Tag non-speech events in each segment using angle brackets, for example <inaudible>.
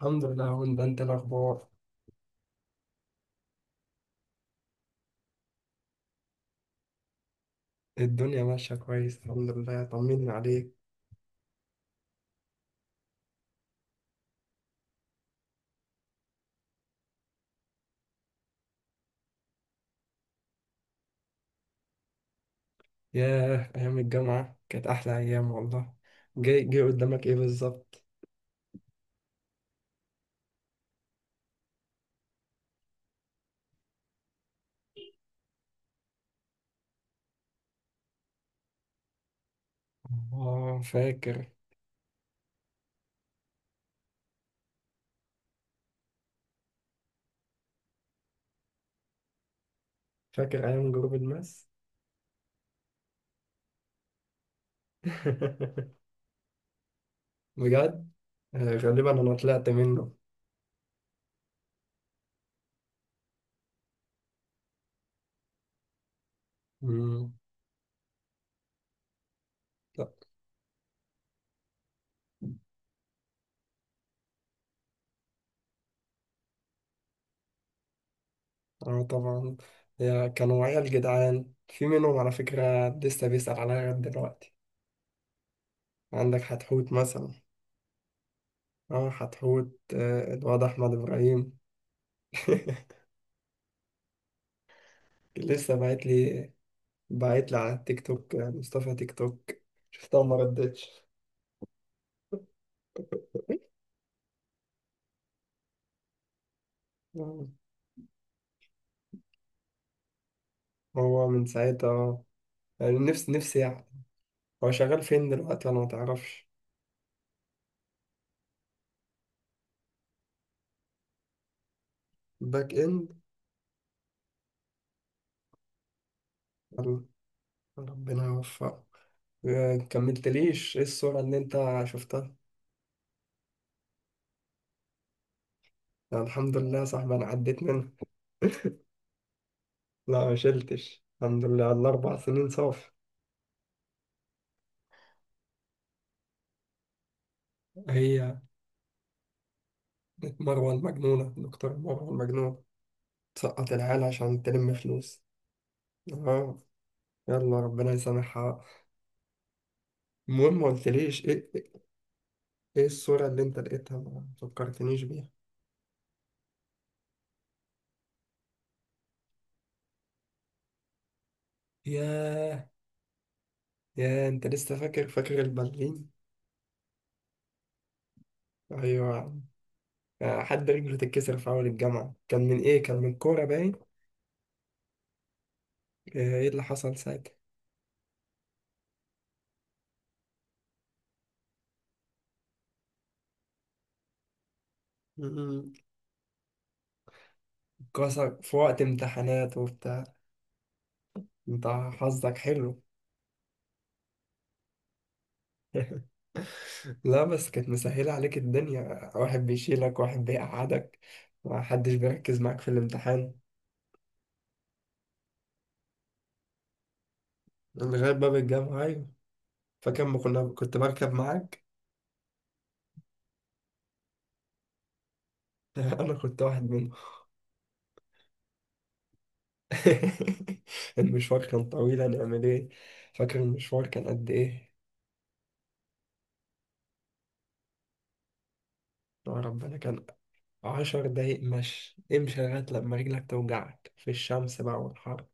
الحمد لله. هون ده، انت الاخبار؟ الدنيا ماشيه كويس الحمد لله. طمنا عليك. ياه، ايام الجامعه كانت احلى ايام والله. جاي جاي قدامك ايه بالظبط؟ اه فاكر. ايام جروب الماس. <laughs> بجد؟ آه، غالبا انا طلعت منه. مم. لا. اه طبعا. يا كانوا عيال جدعان، في منهم على فكره لسه بيسأل عليا لغايه دلوقتي. عندك حتحوت مثلا. اه حتحوت، الواد احمد ابراهيم. <laughs> لسه باعت لي. باعت لي على التيك توك، مصطفى تيك توك. شفتها وما ردتش. آه. هو من ساعتها، يعني نفسي نفسي يعني. هو شغال فين دلوقتي، انا ما تعرفش؟ باك اند؟ ولا- ربنا يوفقه. كملتليش ايه الصورة اللي انت شفتها؟ يعني الحمد لله يا صاحبي انا عديت منها. لا ما شلتش. الحمد لله على الـ4 سنين صافي. هي مروة المجنونة، دكتور مروة المجنونة. تسقط العيال عشان تلم فلوس. اه. يلا، ربنا يسامحها. المهم ما قلتليش ايه، ايه؟ إيه الصورة اللي انت لقيتها ما فكرتنيش بيها؟ ياه. يا انت لسه فاكر البالين؟ ايوه. حد رجله تتكسر في اول الجامعة، كان من ايه؟ كان من كورة باين. ايه اللي حصل ساعتها؟ م-م. اتكسر في وقت امتحانات وبتاع. انت حظك حلو. <laughs> لا بس كانت مسهلة عليك الدنيا، واحد بيشيلك واحد بيقعدك. محدش بيركز معاك في الامتحان. لغاية باب الجامعة، أيوة. فاكر، ما كنا كنت بركب معاك. <laughs> انا كنت واحد منهم. <laughs> المشوار كان طويل، هنعمل ايه؟ فاكر المشوار كان قد ايه؟ يا ربنا، كان 10 دقايق مشي امشي لغاية لما رجلك توجعك في الشمس بقى، والحر.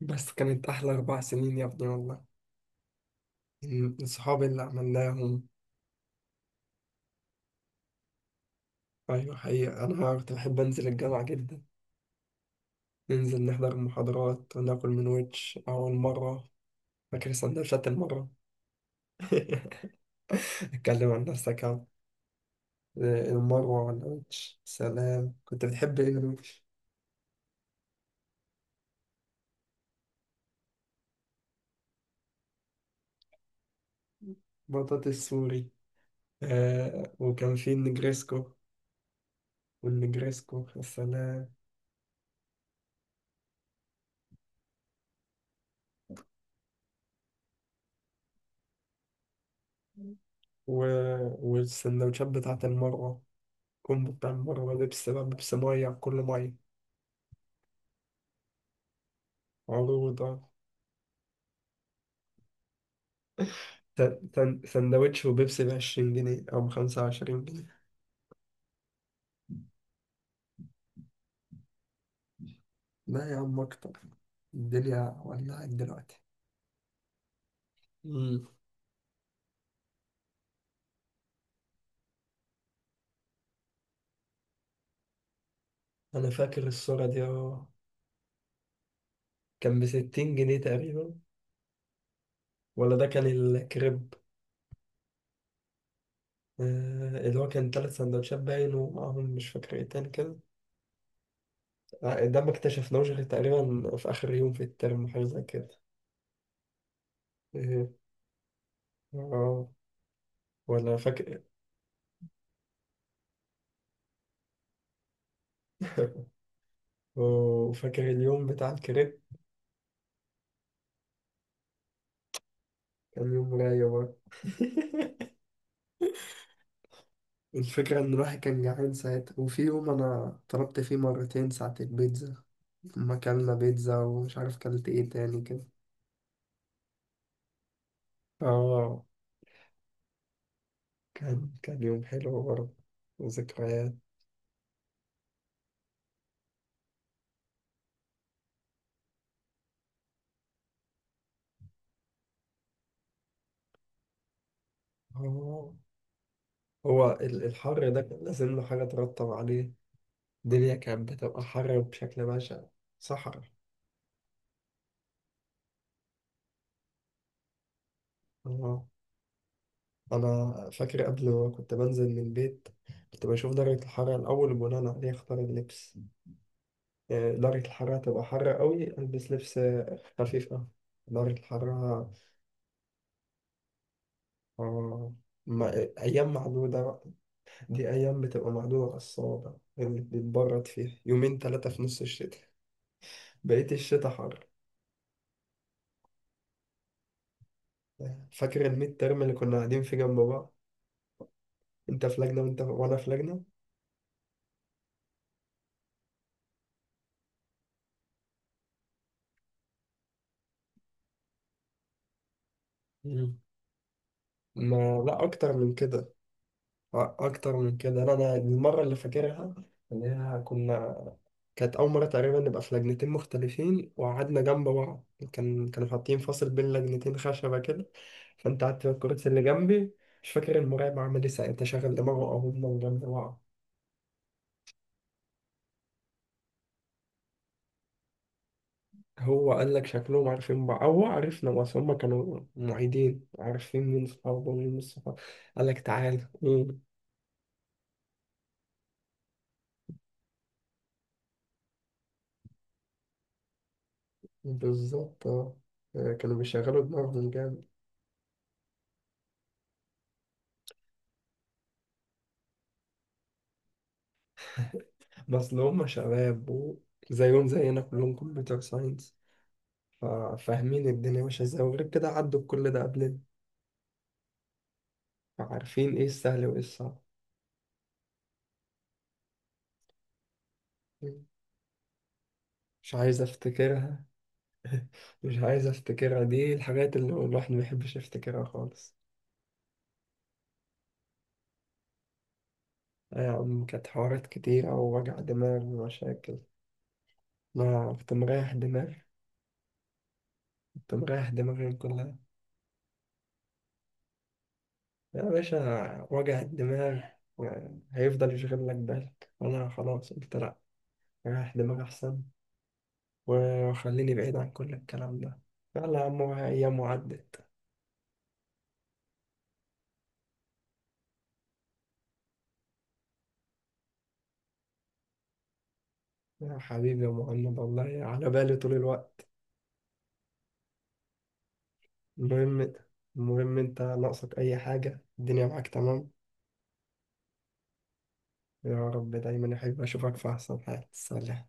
بس كانت احلى 4 سنين يا ابني والله. صحابي اللي عملناهم. ايوه حقيقة، انا كنت بحب انزل الجامعة جدا. ننزل نحضر المحاضرات وناكل من ويتش اول مرة. فاكر سندوتشات المرة؟ <laughs> اتكلم عن نفسك. المروة والقرش سلام. كنت بتحب ايه القرش؟ بطاطس سوري. آه وكان في النجريسكو. والنجريسكو يا سلام. و... والسندوتشات بتاعة المروة. كومبو بتاع المروة، بيبسي بقى بيبسي مية على كل مية. عروضة. س- سندوتش وبيبسي بـ20 جنيه أو بـ25 جنيه. لا يا عم، أكتر. الدنيا ولعت دلوقتي. مم. أنا فاكر الصورة دي أهو. كان بـ60 جنيه تقريبا. ولا ده كان الكريب؟ اللي هو كان تلات سندوتشات باين ومعاهم مش فاكر ايه تاني كده. ده ما اكتشفناهوش غير تقريبا في آخر يوم في الترم حاجة زي كده. إيه؟ اه. ولا فاكر؟ <laughs> وفاكر اليوم بتاع الكريب؟ كان يوم رايق برضه. <laughs> الفكرة إن الواحد كان جعان ساعتها، وفي يوم أنا طلبت فيه مرتين ساعة البيتزا. لما أكلنا بيتزا ومش عارف كلت إيه تاني كده. اه كان يوم حلو برضه وذكريات. اه هو الحر ده كان لازم له حاجة ترطب عليه. الدنيا كانت بتبقى حر بشكل بشع. صحرا. اه أنا فاكر قبل ما كنت بنزل من البيت، كنت بشوف درجة الحرارة الأول وبناء عليه أختار اللبس. درجة الحرارة تبقى حر قوي ألبس لبس خفيف أوي. درجة الحرارة. آه، ما أيام معدودة بقى. دي أيام بتبقى معدودة على الصوابع اللي بتتبرد فيها يومين تلاتة في نص الشتاء. بقية الشتاء حر. فاكر الميد ترم اللي كنا قاعدين فيه جنب بعض؟ انت في لجنة وانت وانا في لجنة. مم. ما لا، اكتر من كده. اكتر من كده. انا المره اللي فاكرها، اللي هي كنا، كانت اول مره تقريبا نبقى في لجنتين مختلفين وقعدنا جنب بعض. كانوا حاطين فاصل بين لجنتين خشبه كده. فانت قعدت في الكرسي اللي جنبي. مش فاكر المراقب عمل ايه ساعتها، شغل دماغه او هما جنب بعض. هو قال لك شكلهم عارفين بعض، هو عرفنا بس هم كانوا معيدين عارفين مين صحابه ومين مش صحابه. قال لك تعالى. مم. بالظبط اه. كانوا بيشغلوا دماغهم جامد. بس لو هم شباب وزيهم زينا كلهم كمبيوتر ساينس، فاهمين الدنيا ماشية ازاي، وغير كده عدوا بكل ده قبلنا، فعارفين ايه السهل وايه الصعب. مم. مش عايز افتكرها. مش عايز افتكرها، دي الحاجات اللي الواحد ما بيحبش يفتكرها خالص. كانت حوارات كتيرة ووجع دماغ ومشاكل. ما كنت مريح دماغي. كنت مريح دماغي من كلها. يا باشا وجع الدماغ يعني هيفضل يشغل لك بالك، وأنا خلاص قلت لأ، ريح دماغي أحسن، وخليني بعيد عن كل الكلام ده. يلا يا عم، أيام وعدت. يا حبيبي يا مهند، والله على بالي طول الوقت. المهم المهم، أنت ناقصك أي حاجة؟ الدنيا معاك تمام؟ يا رب دايما أحب أشوفك في أحسن حال. سلام.